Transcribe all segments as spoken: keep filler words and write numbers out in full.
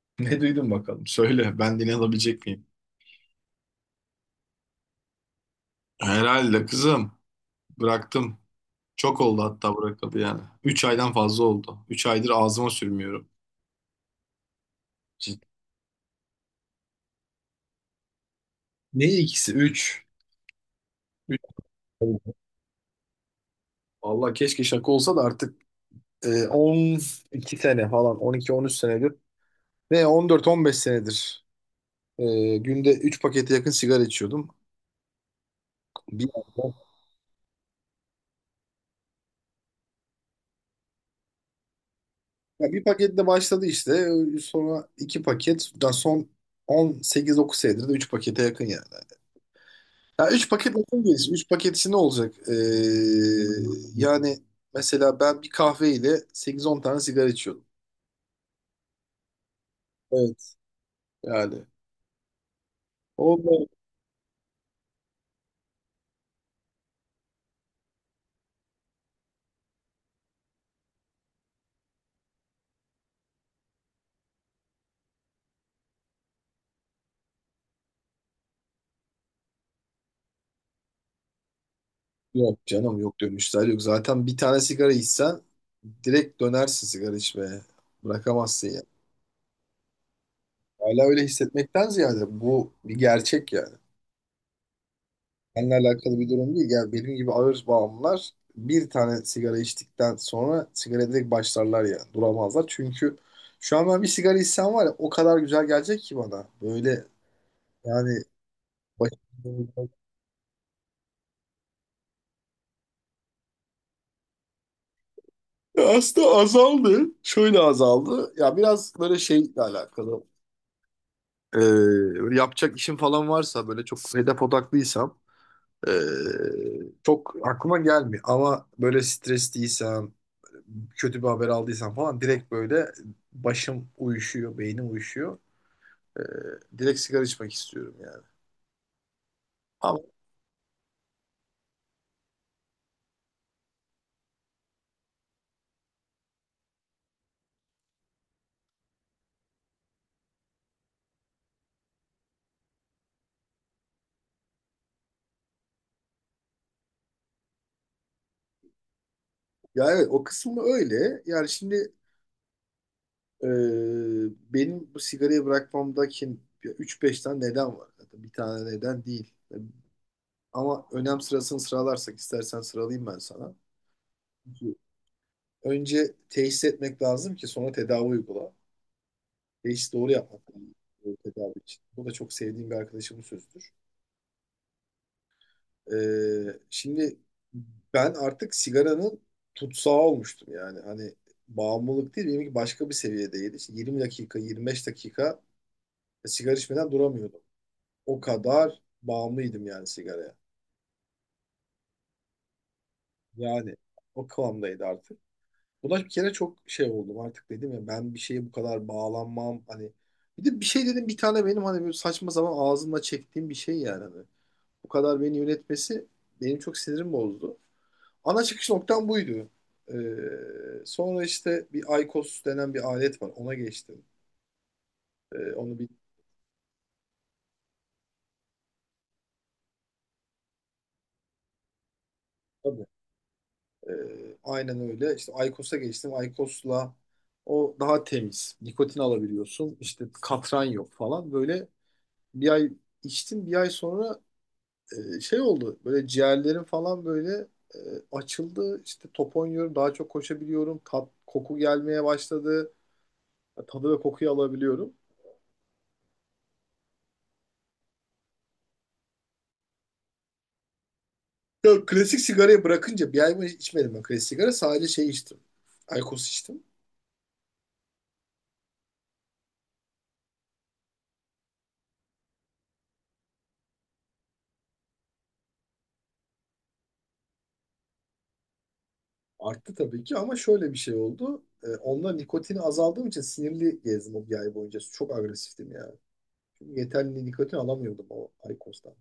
Ne duydun bakalım? Söyle, ben dinleyebilecek miyim? Herhalde kızım. Bıraktım. Çok oldu hatta bırakalı yani. Üç aydan fazla oldu. Üç aydır ağzıma sürmüyorum. Cid- Ne ikisi? Üç. Üç. Vallahi keşke şaka olsa da artık e, on iki sene falan on iki on üç senedir ve on dört on beş senedir e, günde üç pakete yakın sigara içiyordum. Bir, ya bir paketle başladı işte sonra iki paket daha son on sekiz dokuz senedir de üç pakete yakın yani. Ya üç paket nasıl gelsin? Üç paketisi ne olacak? Ee, yani mesela ben bir kahveyle sekiz on tane sigara içiyordum. Evet. Yani. Olmaz. Yok canım yok dönüşler yok. Zaten bir tane sigara içsen direkt dönersin sigara içmeye. Bırakamazsın ya. Hala öyle hissetmekten ziyade bu bir gerçek ya. Seninle alakalı bir durum değil. Yani benim gibi ağır bağımlılar bir tane sigara içtikten sonra sigara direkt başlarlar ya. Duramazlar. Çünkü şu an ben bir sigara içsem var ya o kadar güzel gelecek ki bana. Böyle yani baş- Ya Aslında azaldı. Şöyle azaldı. Ya biraz böyle şeyle alakalı. Ee, Böyle yapacak işim falan varsa böyle çok hedef odaklıysam ee, çok aklıma gelmiyor. Ama böyle stresliysem kötü bir haber aldıysam falan direkt böyle başım uyuşuyor, beynim uyuşuyor. Ee, Direkt sigara içmek istiyorum yani. Ama ya evet o kısmı öyle. Yani şimdi e, benim bu sigarayı bırakmamdaki üç beş tane neden var. Zaten bir tane neden değil. Ama önem sırasını sıralarsak istersen sıralayayım ben sana. Çünkü önce teşhis etmek lazım ki sonra tedavi uygula. Teşhis doğru yapmak lazım e, tedavi için. Bu da çok sevdiğim bir arkadaşımın sözüdür. Ee, şimdi ben artık sigaranın tutsağı olmuştum yani. Hani bağımlılık değil, benimki başka bir seviyedeydi. İşte yirmi dakika, yirmi beş dakika sigara içmeden duramıyordum. O kadar bağımlıydım yani sigaraya. Yani o kıvamdaydı artık. Buna bir kere çok şey oldum artık dedim ya ben bir şeye bu kadar bağlanmam hani. Bir de bir şey dedim bir tane benim hani böyle saçma zaman ağzımla çektiğim bir şey yani. Hani. Bu kadar beni yönetmesi benim çok sinirim bozdu. Ana çıkış noktam buydu. Ee, sonra işte bir IQOS denen bir alet var. Ona geçtim. Ee, onu bir tabii. Ee, aynen öyle. İşte IQOS'a geçtim. IQOS'la o daha temiz. Nikotin alabiliyorsun. İşte katran yok falan. Böyle bir ay içtim. Bir ay sonra e, şey oldu. Böyle ciğerlerim falan böyle e, açıldı. İşte top oynuyorum. Daha çok koşabiliyorum. Tat, koku gelmeye başladı. Tadı ve kokuyu alabiliyorum. Yok klasik sigarayı bırakınca bir ay mı içmedim ben klasik sigara. Sadece şey içtim. Aykos içtim. Arttı tabii ki ama şöyle bir şey oldu. Ee, onunla nikotini azaldığım için sinirli gezdim o bir ay boyunca. Çok agresiftim yani. Çünkü yeterli nikotin alamıyordum o Aykos'tan.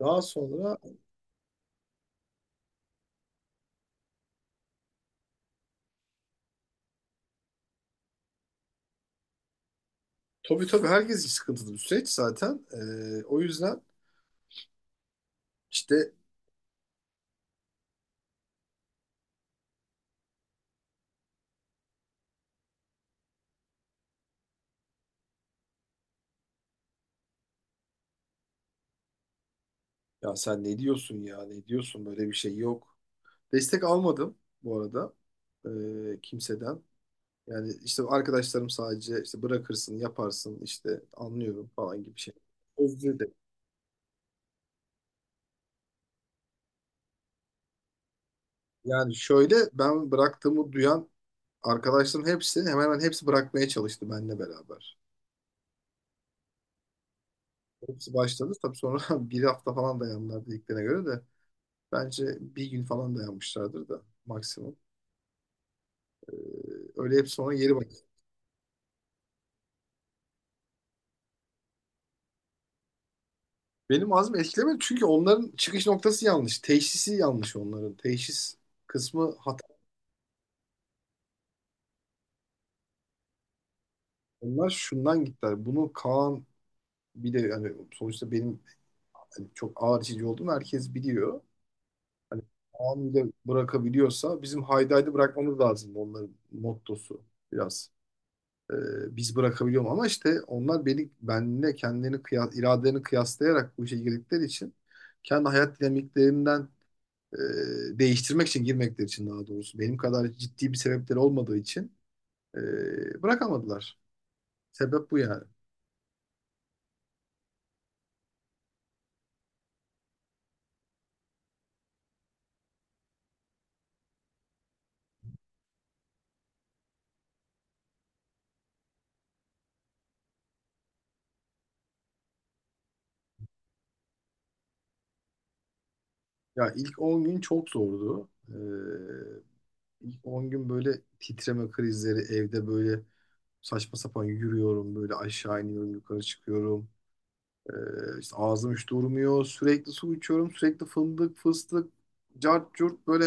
Daha sonra tabii tabii herkes için sıkıntılı bir süreç zaten. Ee, o yüzden işte ya sen ne diyorsun ya ne diyorsun böyle bir şey yok. Destek almadım bu arada ee, kimseden. Yani işte arkadaşlarım sadece işte bırakırsın, yaparsın, işte anlıyorum falan gibi şey. Özür dilerim. Yani şöyle ben bıraktığımı duyan arkadaşların hepsi hemen hemen hepsi bırakmaya çalıştı benimle beraber. Hepsi başladı. Tabii sonra bir hafta falan dayandılar dediklerine göre de bence bir gün falan dayanmışlardır da maksimum. Ee, Öyle hep sonra geri bak. Benim ağzım etkilemedi çünkü onların çıkış noktası yanlış. Teşhisi yanlış onların. Teşhis kısmı hata. Onlar şundan gittiler. Bunu Kaan bir de hani sonuçta benim hani çok ağır içici olduğumu herkes biliyor. Hani anında bırakabiliyorsa bizim haydaydı bırakmamız lazım onların mottosu biraz. Ee, biz bırakabiliyorum ama işte onlar beni benimle kendilerini kıyas, iradelerini kıyaslayarak bu işe girdikleri için kendi hayat dinamiklerimden e, değiştirmek için girmekleri için daha doğrusu benim kadar ciddi bir sebepleri olmadığı için e, bırakamadılar. Sebep bu yani. Ya ilk on gün çok zordu. Ee, On gün böyle titreme krizleri evde böyle saçma sapan yürüyorum böyle aşağı iniyorum yukarı çıkıyorum. Ee, işte ağzım hiç durmuyor sürekli su içiyorum sürekli fındık fıstık cart curt böyle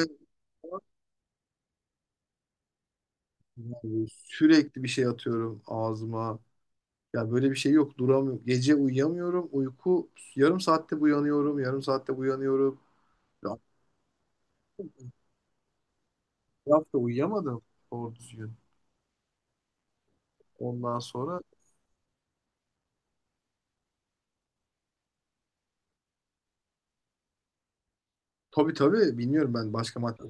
yani sürekli bir şey atıyorum ağzıma. Ya böyle bir şey yok duramıyorum. Gece uyuyamıyorum uyku yarım saatte uyanıyorum yarım saatte uyanıyorum. Ya, bir hafta uyuyamadım doğru düzgün. Ondan sonra tabii tabii bilmiyorum ben başka madde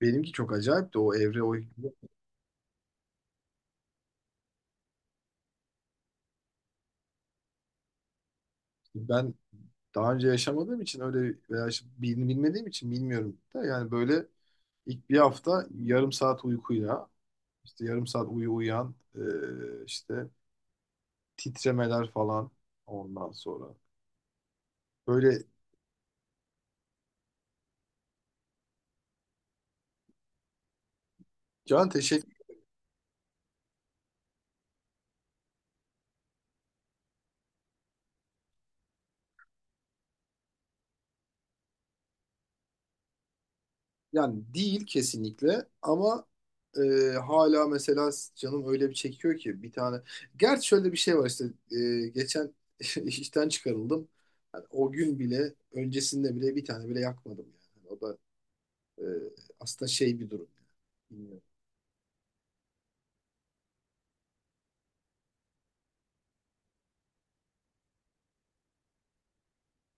benimki çok acayipti o evre o ben daha önce yaşamadığım için öyle veya işte bil- bilmediğim için bilmiyorum da yani böyle ilk bir hafta yarım saat uykuyla işte yarım saat uyu uyan e, işte titremeler falan ondan sonra böyle can teşekkür yani değil kesinlikle ama e, hala mesela canım öyle bir çekiyor ki bir tane gerçi şöyle bir şey var işte e, geçen işten çıkarıldım. Yani o gün bile öncesinde bile bir tane bile yakmadım yani o da Ee, aslında şey bir durum. Bilmiyorum.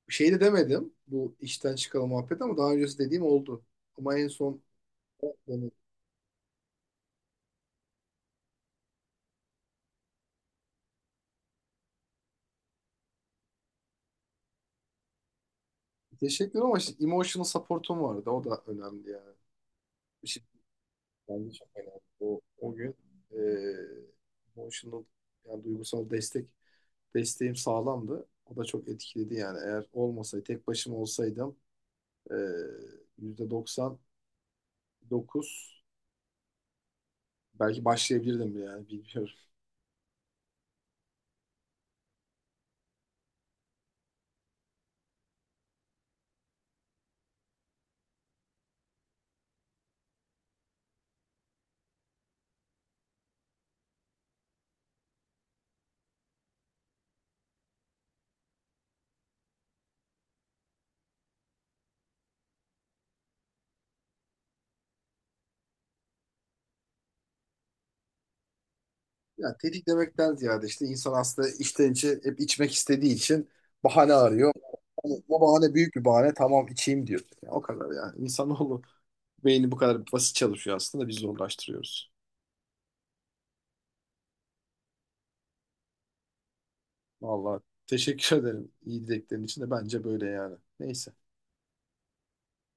Bir şey de demedim. Bu işten çıkalım muhabbet ama daha öncesi dediğim oldu. Ama en son yani teşekkür ederim, ama işte emotional support'um vardı. O da önemli yani. Bir şey bence çok önemli. O, o gün e, emotional yani duygusal destek desteğim sağlamdı. O da çok etkiledi yani. Eğer olmasaydı tek başıma olsaydım e, yüzde doksan dokuz belki başlayabilirdim yani bilmiyorum. Ya tetiklemekten ziyade işte insan aslında içten içe hep içmek istediği için bahane arıyor. Ama bu bahane büyük bir bahane tamam içeyim diyor. Ya o kadar yani. İnsanoğlu beyni bu kadar basit çalışıyor aslında biz zorlaştırıyoruz. Vallahi teşekkür ederim iyi dileklerin için de bence böyle yani. Neyse.